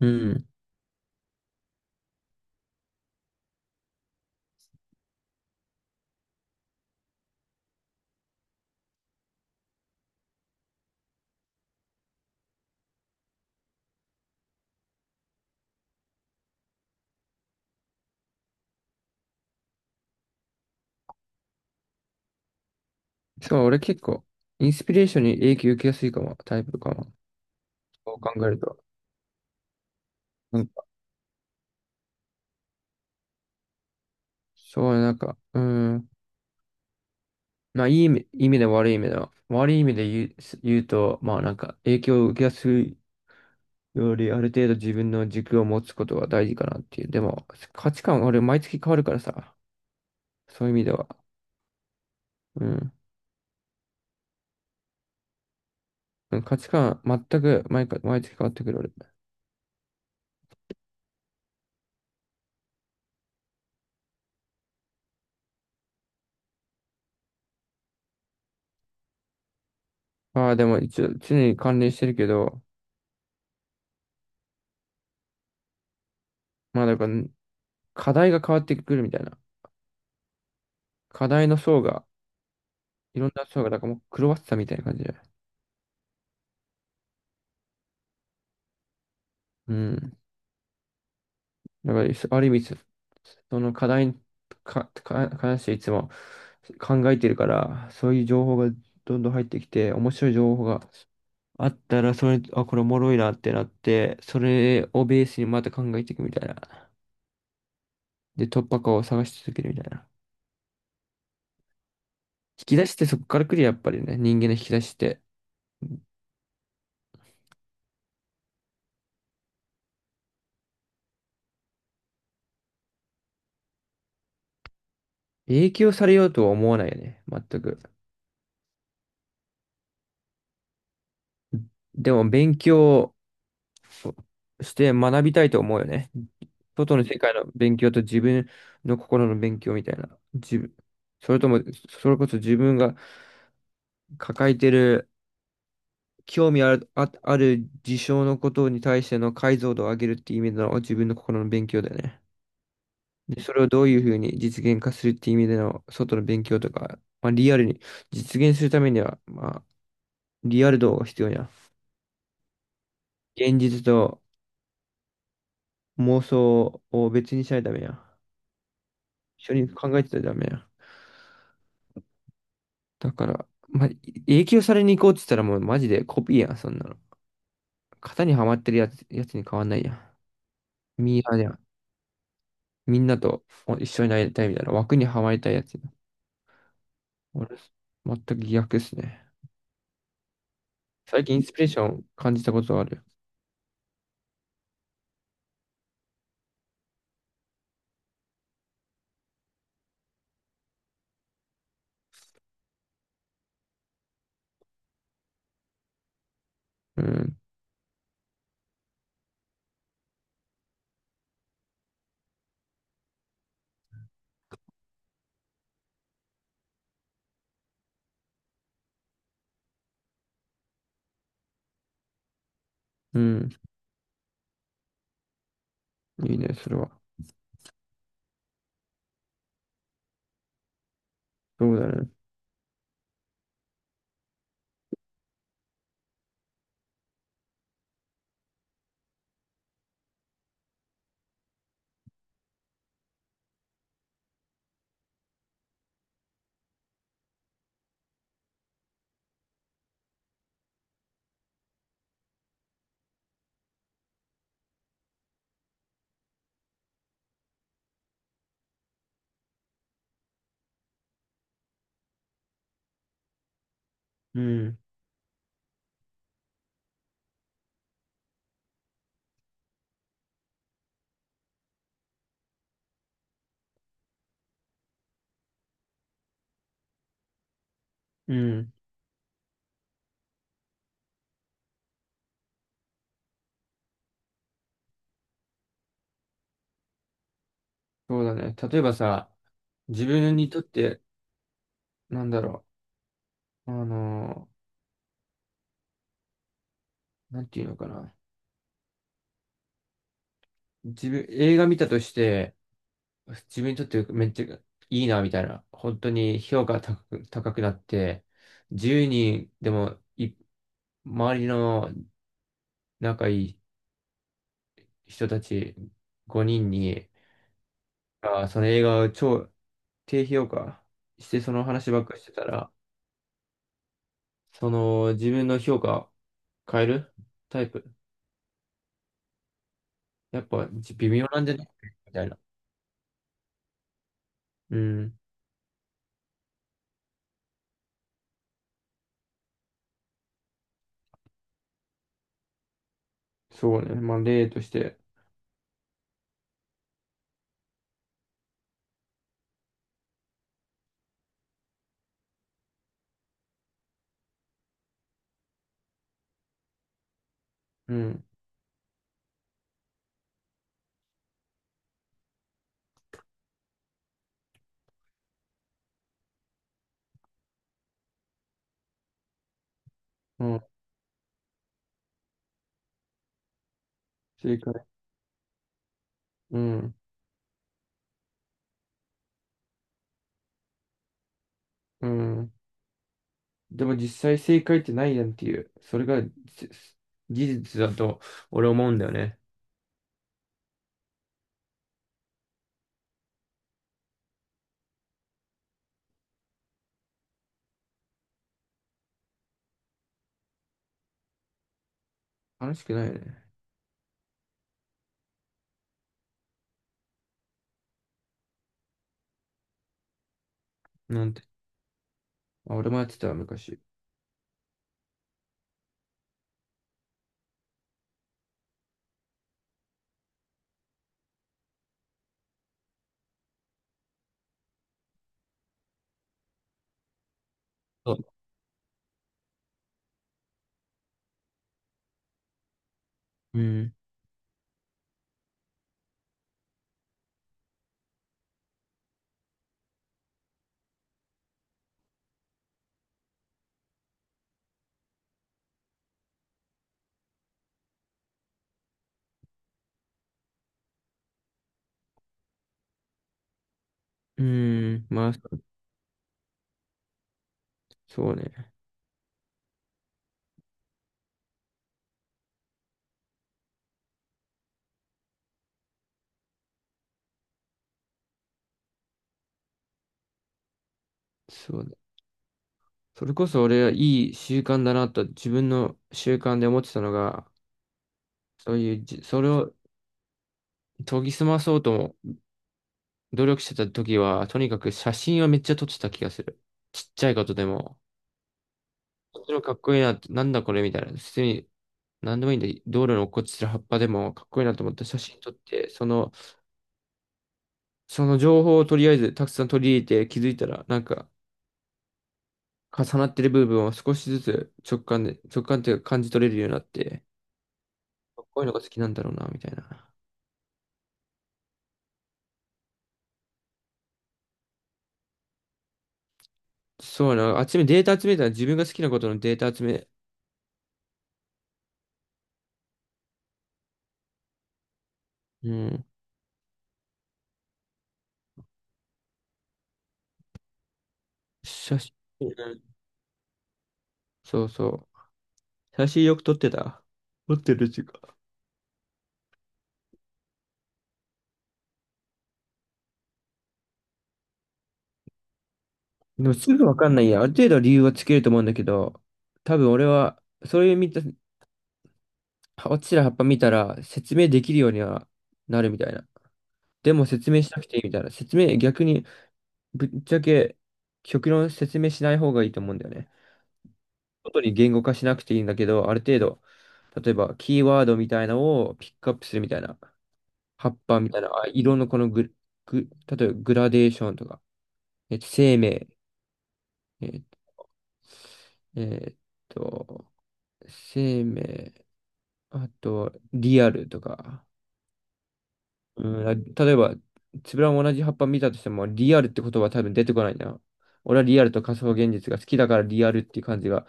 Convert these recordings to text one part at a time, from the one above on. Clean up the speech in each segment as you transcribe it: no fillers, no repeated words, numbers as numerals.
うん。そう、俺結構、インスピレーションに影響受けやすいかも、タイプかも。そう考えると。なんかそう、なんか、うん。まあ、いい意味で悪い意味では。悪い意味で言うと、まあ、なんか、影響を受けやすいより、ある程度自分の軸を持つことが大事かなっていう。でも、価値観、俺、毎月変わるからさ。そういう意味では。うん。うん、価値観、全く毎回、毎月変わってくる、俺。まあ、でも、一応、常に関連してるけど、まあ、だから、課題が変わってくるみたいな。課題の層が、いろんな層が、だからもう狂わせたみたいな感じで。うん。だから、ある意味、その課題に関していつも考えてるから、そういう情報がどんどん入ってきて、面白い情報があったら、それ、あ、これおもろいなってなって、それをベースにまた考えていくみたいな。で、突破口を探し続けるみたいな。引き出しってそこから来るやっぱりね、人間の引き出しって。影響されようとは思わないよね、全く。でもそうして学びたいと思うよね。外の世界の勉強と自分の心の勉強みたいな。自分、それとも、それこそ自分が抱えてる興味ある、あ、ある事象のことに対しての解像度を上げるっていう意味での自分の心の勉強だよね。で、それをどういうふうに実現化するっていう意味での外の勉強とか、まあ、リアルに実現するためには、まあ、リアル度が必要やん。現実と妄想を別にしないためやん。一緒に考えてたらダメや。だから、ま、影響されに行こうって言ったらもうマジでコピーやん、そんなの。型にはまってるやつに変わんないやん。ミーハーやん。みんなと一緒になりたいみたいな枠にはまりたいやつ。俺、全く逆っすね。最近インスピレーション感じたことある。うん、うん、いいね、それは。そうだね。うん、うん、そうだね。例えばさ、自分にとって、なんだろう、あのーなんていうのかな。自分、映画見たとして、自分にとってめっちゃいいな、みたいな。本当に評価が高くなって、10人でもい、周りの仲いい人たち5人に、あー、その映画を超低評価してその話ばっかりしてたら、その自分の評価変えるタイプ。やっぱじ微妙なんじゃないみたいな。うん。そうね。まあ例として。うん。うん。正解。うん。うん。でも実際正解ってないやんっていう、それが事実だと俺思うんだよね。楽しくないよね。なんて。あ、俺もやってた昔。そう、うん。うん。まあ、そうね。そうね。それこそ俺はいい習慣だなと自分の習慣で思ってたのが、そういうじ、それを研ぎ澄まそうとも努力してた時は、とにかく写真をめっちゃ撮ってた気がする。ちっちゃいことでも。こっちのかっこいいなって、なんだこれみたいな。普通に、なんでもいいんで、道路に落っこちてる葉っぱでもかっこいいなと思って写真撮って、その、その情報をとりあえずたくさん取り入れて気づいたら、なんか重なってる部分を少しずつ直感っていうか感じ取れるようになって、かっこいいのが好きなんだろうな、みたいな。そうな、集め、データ集めたら自分が好きなことのデータ集め、うん、写真、うん、そうそう。写真よく撮ってた。撮ってるかでもすぐわかんないや。ある程度理由はつけると思うんだけど、多分俺は、そういう見た、落ちてる葉っぱ見たら説明できるようにはなるみたいな。でも説明しなくていいみたいな。説明、逆にぶっちゃけ極論説明しない方がいいと思うんだよね。外に言語化しなくていいんだけど、ある程度、例えばキーワードみたいなのをピックアップするみたいな。葉っぱみたいな、あ、色のこのグ、グ、例えばグラデーションとか、えっと、生命、えっと、えっと、生命、あと、リアルとか。うん、例えば、つぶらも同じ葉っぱ見たとしても、リアルって言葉は多分出てこないな。俺はリアルと仮想現実が好きだからリアルっていう感じが、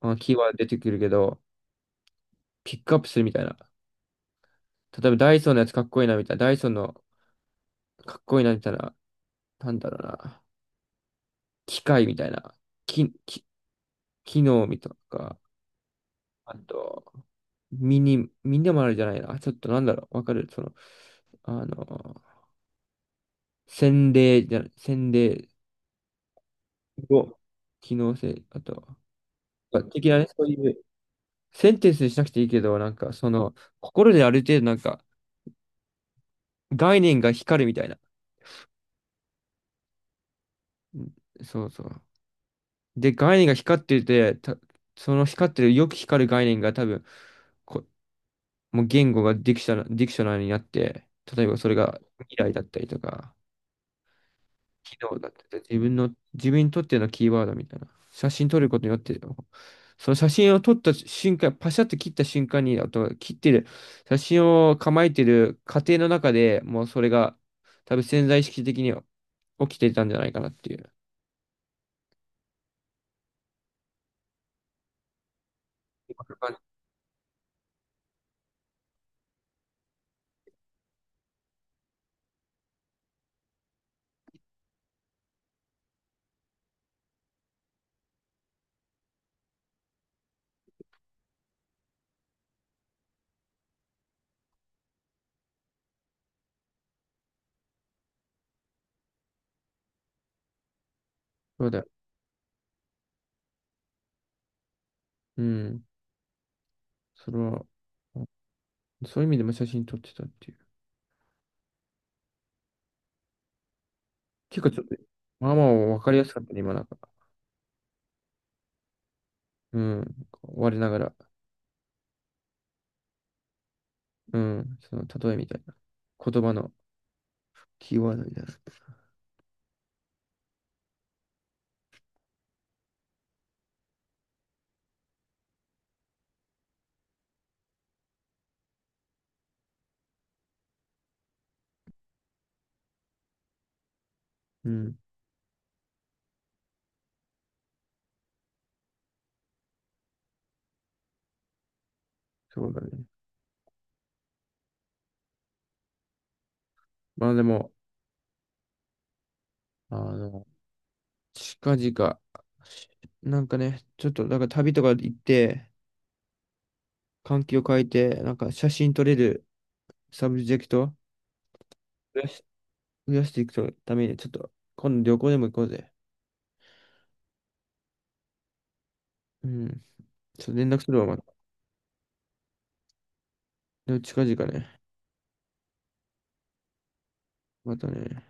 まあ、キーワード出てくるけど、ピックアップするみたいな。例えばダイソーのやつかっこいいなみたいな、ダイソーのかっこいいなみたいな、なんだろうな。機械みたいな。き、き、機能みたいなか。あと、ミニもあるじゃないな。ちょっとなんだろう。わかるその、あの、洗礼じゃ、洗礼、お、機能性、あとは、まあ的なね、そういう、センテンスにしなくていいけど、なんか、その、心である程度、なんか、概念が光るみたいな。うん、そうそう。で、概念が光ってて、た、その光ってる、よく光る概念が多分、こ、もう言語がディクショナリになって、例えばそれが未来だったりとか、機能だってて、自分の、自分にとってのキーワードみたいな。写真撮ることによって、その写真を撮った瞬間、パシャッと切った瞬間に、あとは切ってる、写真を構えてる過程の中でもうそれが多分潜在意識的には起きていたんじゃないかなっていう。そうだよ。うん。それは、そういう意味でも写真撮ってたっていう。結構ちょっと、まあまあ分かりやすかったね、今なんか。うん。我ながら。うん。その例えみたいな。言葉のキーワードみたいな。うん。そうだね。まあでも、あの、近々、なんかね、ちょっと、なんか旅とか行って、環境を変えて、なんか写真撮れるサブジェクトを増やし、増やしていくために、ちょっと、今度旅行でも行こうぜ。うん。ちょっと連絡するわ、また。でも近々ね。またね。